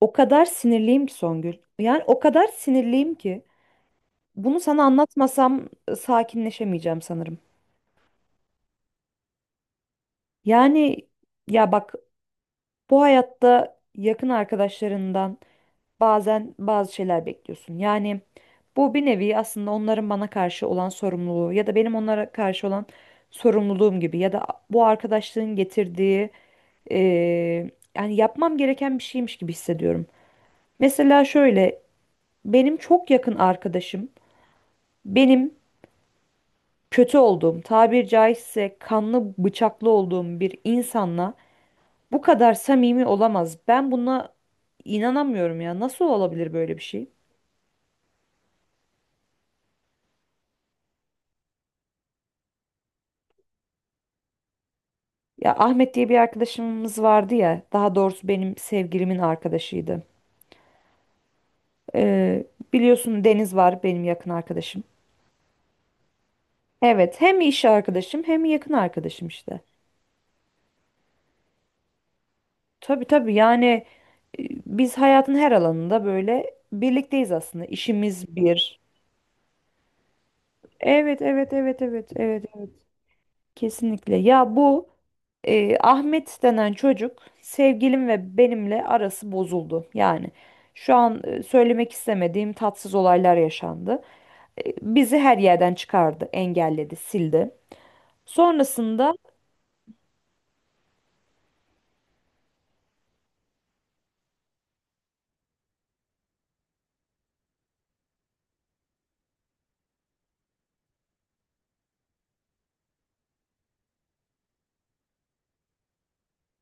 O kadar sinirliyim ki Songül. Yani o kadar sinirliyim ki bunu sana anlatmasam sakinleşemeyeceğim sanırım. Yani ya bak, bu hayatta yakın arkadaşlarından bazen bazı şeyler bekliyorsun. Yani bu bir nevi aslında onların bana karşı olan sorumluluğu ya da benim onlara karşı olan sorumluluğum gibi ya da bu arkadaşlığın getirdiği, e, yani yapmam gereken bir şeymiş gibi hissediyorum. Mesela şöyle, benim çok yakın arkadaşım benim kötü olduğum, tabir caizse kanlı bıçaklı olduğum bir insanla bu kadar samimi olamaz. Ben buna inanamıyorum ya. Nasıl olabilir böyle bir şey? Ya Ahmet diye bir arkadaşımız vardı ya, daha doğrusu benim sevgilimin arkadaşıydı. Ee, Biliyorsun Deniz var benim yakın arkadaşım. Evet, hem iş arkadaşım hem yakın arkadaşım işte. Tabii tabii, yani biz hayatın her alanında böyle birlikteyiz aslında. İşimiz bir. Evet, evet, evet, evet, evet, evet. Kesinlikle. Ya bu Ahmet denen çocuk sevgilim ve benimle arası bozuldu. Yani şu an söylemek istemediğim tatsız olaylar yaşandı. Bizi her yerden çıkardı, engelledi, sildi. Sonrasında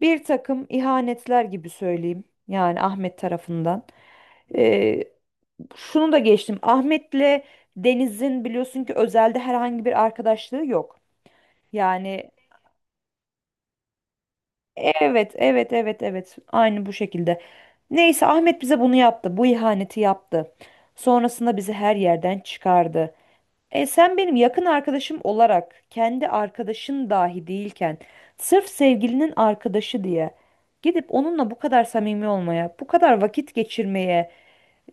bir takım ihanetler gibi söyleyeyim. Yani Ahmet tarafından. E, Şunu da geçtim. Ahmet'le Deniz'in biliyorsun ki özelde herhangi bir arkadaşlığı yok. Yani evet, evet, evet, evet. Aynı bu şekilde. Neyse Ahmet bize bunu yaptı. Bu ihaneti yaptı. Sonrasında bizi her yerden çıkardı. E sen benim yakın arkadaşım olarak kendi arkadaşın dahi değilken sırf sevgilinin arkadaşı diye gidip onunla bu kadar samimi olmaya, bu kadar vakit geçirmeye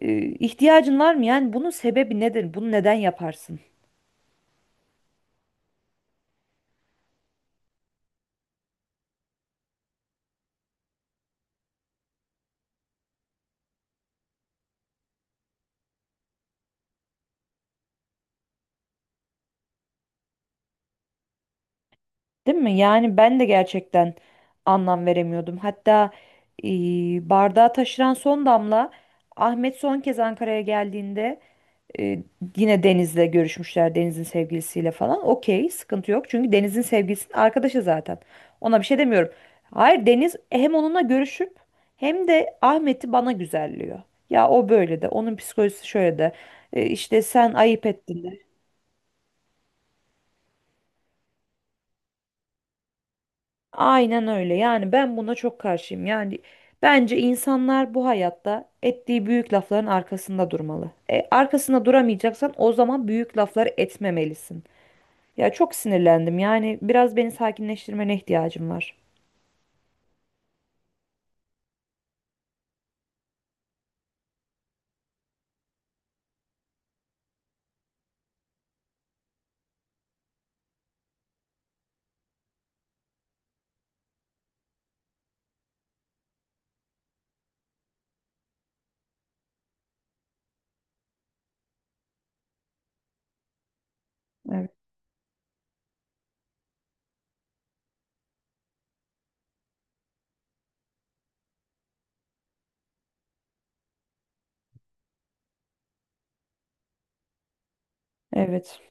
ihtiyacın var mı? Yani bunun sebebi nedir? Bunu neden yaparsın? Değil mi? Yani ben de gerçekten anlam veremiyordum. Hatta e, bardağı taşıran son damla, Ahmet son kez Ankara'ya geldiğinde e, yine Deniz'le görüşmüşler, Deniz'in sevgilisiyle falan. Okey, sıkıntı yok. Çünkü Deniz'in sevgilisinin arkadaşı zaten. Ona bir şey demiyorum. Hayır, Deniz hem onunla görüşüp hem de Ahmet'i bana güzelliyor. Ya o böyle de, onun psikolojisi şöyle de. İşte sen ayıp ettin de. Aynen öyle. Yani ben buna çok karşıyım. Yani bence insanlar bu hayatta ettiği büyük lafların arkasında durmalı. Arkasında duramayacaksan o zaman büyük lafları etmemelisin. Ya çok sinirlendim. Yani biraz beni sakinleştirmene ihtiyacım var. Evet. Evet.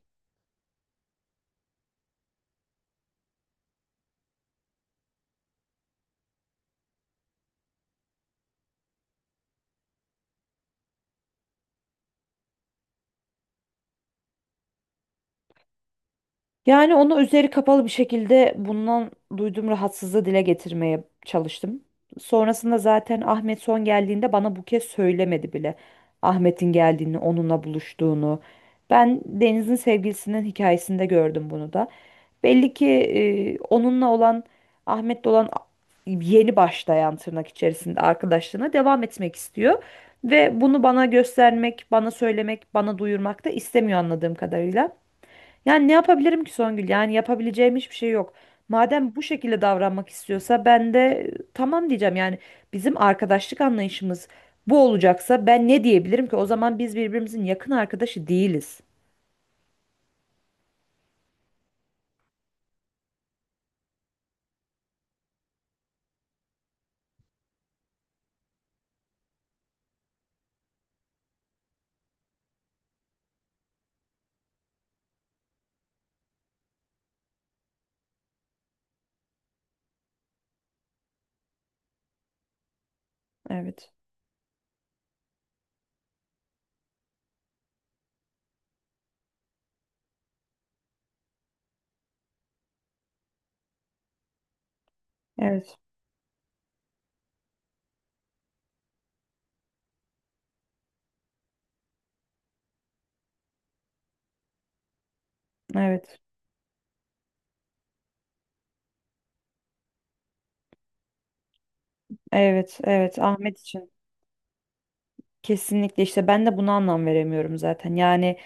Yani onu üzeri kapalı bir şekilde bundan duyduğum rahatsızlığı dile getirmeye çalıştım. Sonrasında zaten Ahmet son geldiğinde bana bu kez söylemedi bile. Ahmet'in geldiğini, onunla buluştuğunu. Ben Deniz'in sevgilisinin hikayesinde gördüm bunu da. Belli ki onunla olan, Ahmet'le olan yeni başlayan tırnak içerisinde arkadaşlığına devam etmek istiyor. Ve bunu bana göstermek, bana söylemek, bana duyurmak da istemiyor anladığım kadarıyla. Yani ne yapabilirim ki Songül? Yani yapabileceğim hiçbir şey yok. Madem bu şekilde davranmak istiyorsa ben de tamam diyeceğim. Yani bizim arkadaşlık anlayışımız bu olacaksa ben ne diyebilirim ki? O zaman biz birbirimizin yakın arkadaşı değiliz. Evet. Evet. Evet. Evet. Evet. Ahmet için. Kesinlikle işte ben de buna anlam veremiyorum zaten. Yani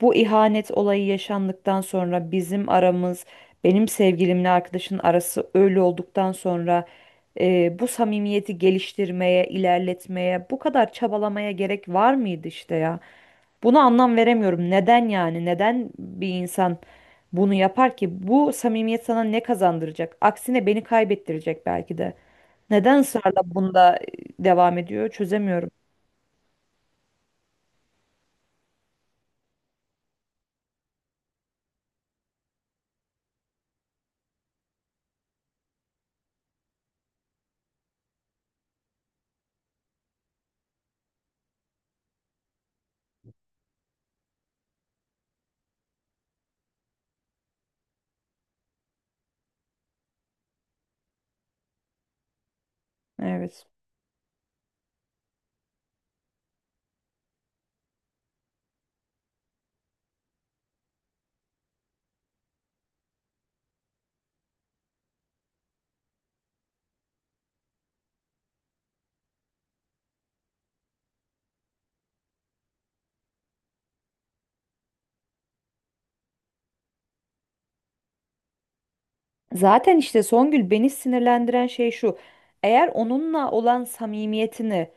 bu ihanet olayı yaşandıktan sonra bizim aramız, benim sevgilimle arkadaşın arası öyle olduktan sonra bu samimiyeti geliştirmeye, ilerletmeye, bu kadar çabalamaya gerek var mıydı işte ya? Buna anlam veremiyorum. Neden yani? Neden bir insan bunu yapar ki? Bu samimiyet sana ne kazandıracak? Aksine beni kaybettirecek belki de. Neden ısrarla bunda devam ediyor? Çözemiyorum. Evet. Zaten işte Songül, beni sinirlendiren şey şu. Eğer onunla olan samimiyetini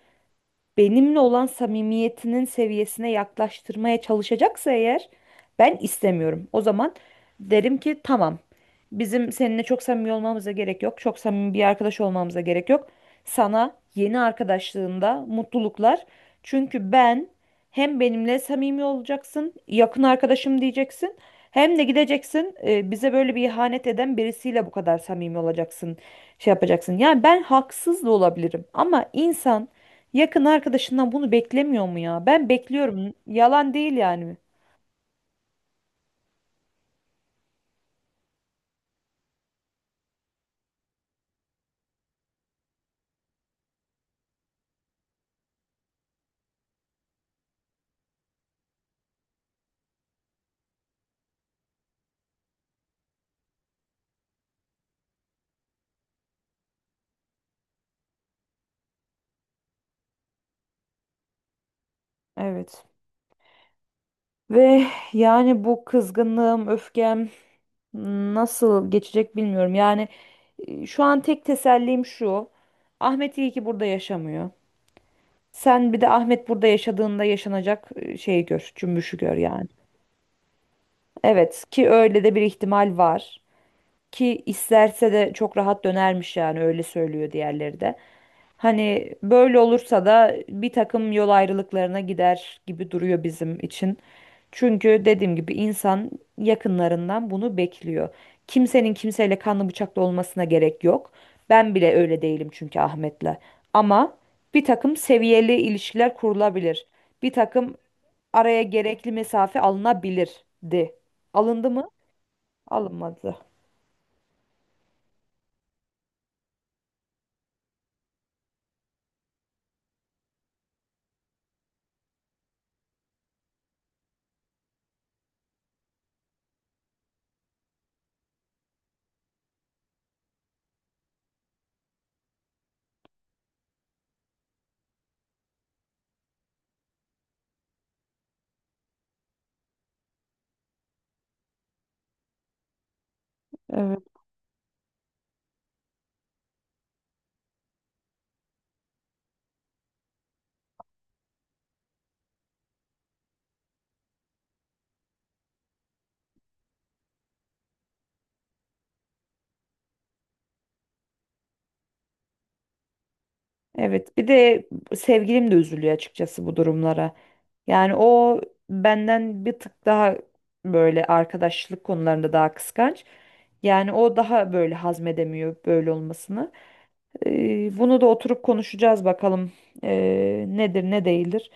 benimle olan samimiyetinin seviyesine yaklaştırmaya çalışacaksa, eğer ben istemiyorum. O zaman derim ki tamam. Bizim seninle çok samimi olmamıza gerek yok. Çok samimi bir arkadaş olmamıza gerek yok. Sana yeni arkadaşlığında mutluluklar. Çünkü ben hem benimle samimi olacaksın, yakın arkadaşım diyeceksin. Hem de gideceksin, bize böyle bir ihanet eden birisiyle bu kadar samimi olacaksın, şey yapacaksın. Yani ben haksız da olabilirim ama insan yakın arkadaşından bunu beklemiyor mu ya? Ben bekliyorum. Yalan değil yani. Evet. Ve yani bu kızgınlığım, öfkem nasıl geçecek bilmiyorum. Yani şu an tek tesellim şu. Ahmet iyi ki burada yaşamıyor. Sen bir de Ahmet burada yaşadığında yaşanacak şeyi gör, cümbüşü gör yani. Evet, ki öyle de bir ihtimal var. Ki isterse de çok rahat dönermiş, yani öyle söylüyor diğerleri de. Hani böyle olursa da bir takım yol ayrılıklarına gider gibi duruyor bizim için. Çünkü dediğim gibi insan yakınlarından bunu bekliyor. Kimsenin kimseyle kanlı bıçaklı olmasına gerek yok. Ben bile öyle değilim çünkü Ahmet'le. Ama bir takım seviyeli ilişkiler kurulabilir. Bir takım araya gerekli mesafe alınabilirdi. Alındı mı? Alınmadı. Evet. Evet, bir de sevgilim de üzülüyor açıkçası bu durumlara. Yani o benden bir tık daha böyle arkadaşlık konularında daha kıskanç. Yani o daha böyle hazmedemiyor böyle olmasını. Bunu da oturup konuşacağız bakalım, nedir ne değildir.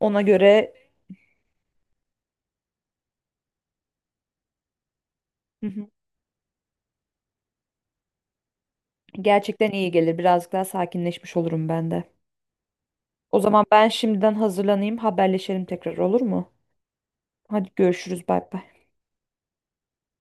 Ona göre. Hı hı. Gerçekten iyi gelir. Birazcık daha sakinleşmiş olurum ben de. O zaman ben şimdiden hazırlanayım, haberleşelim tekrar, olur mu? Hadi görüşürüz, bay bay.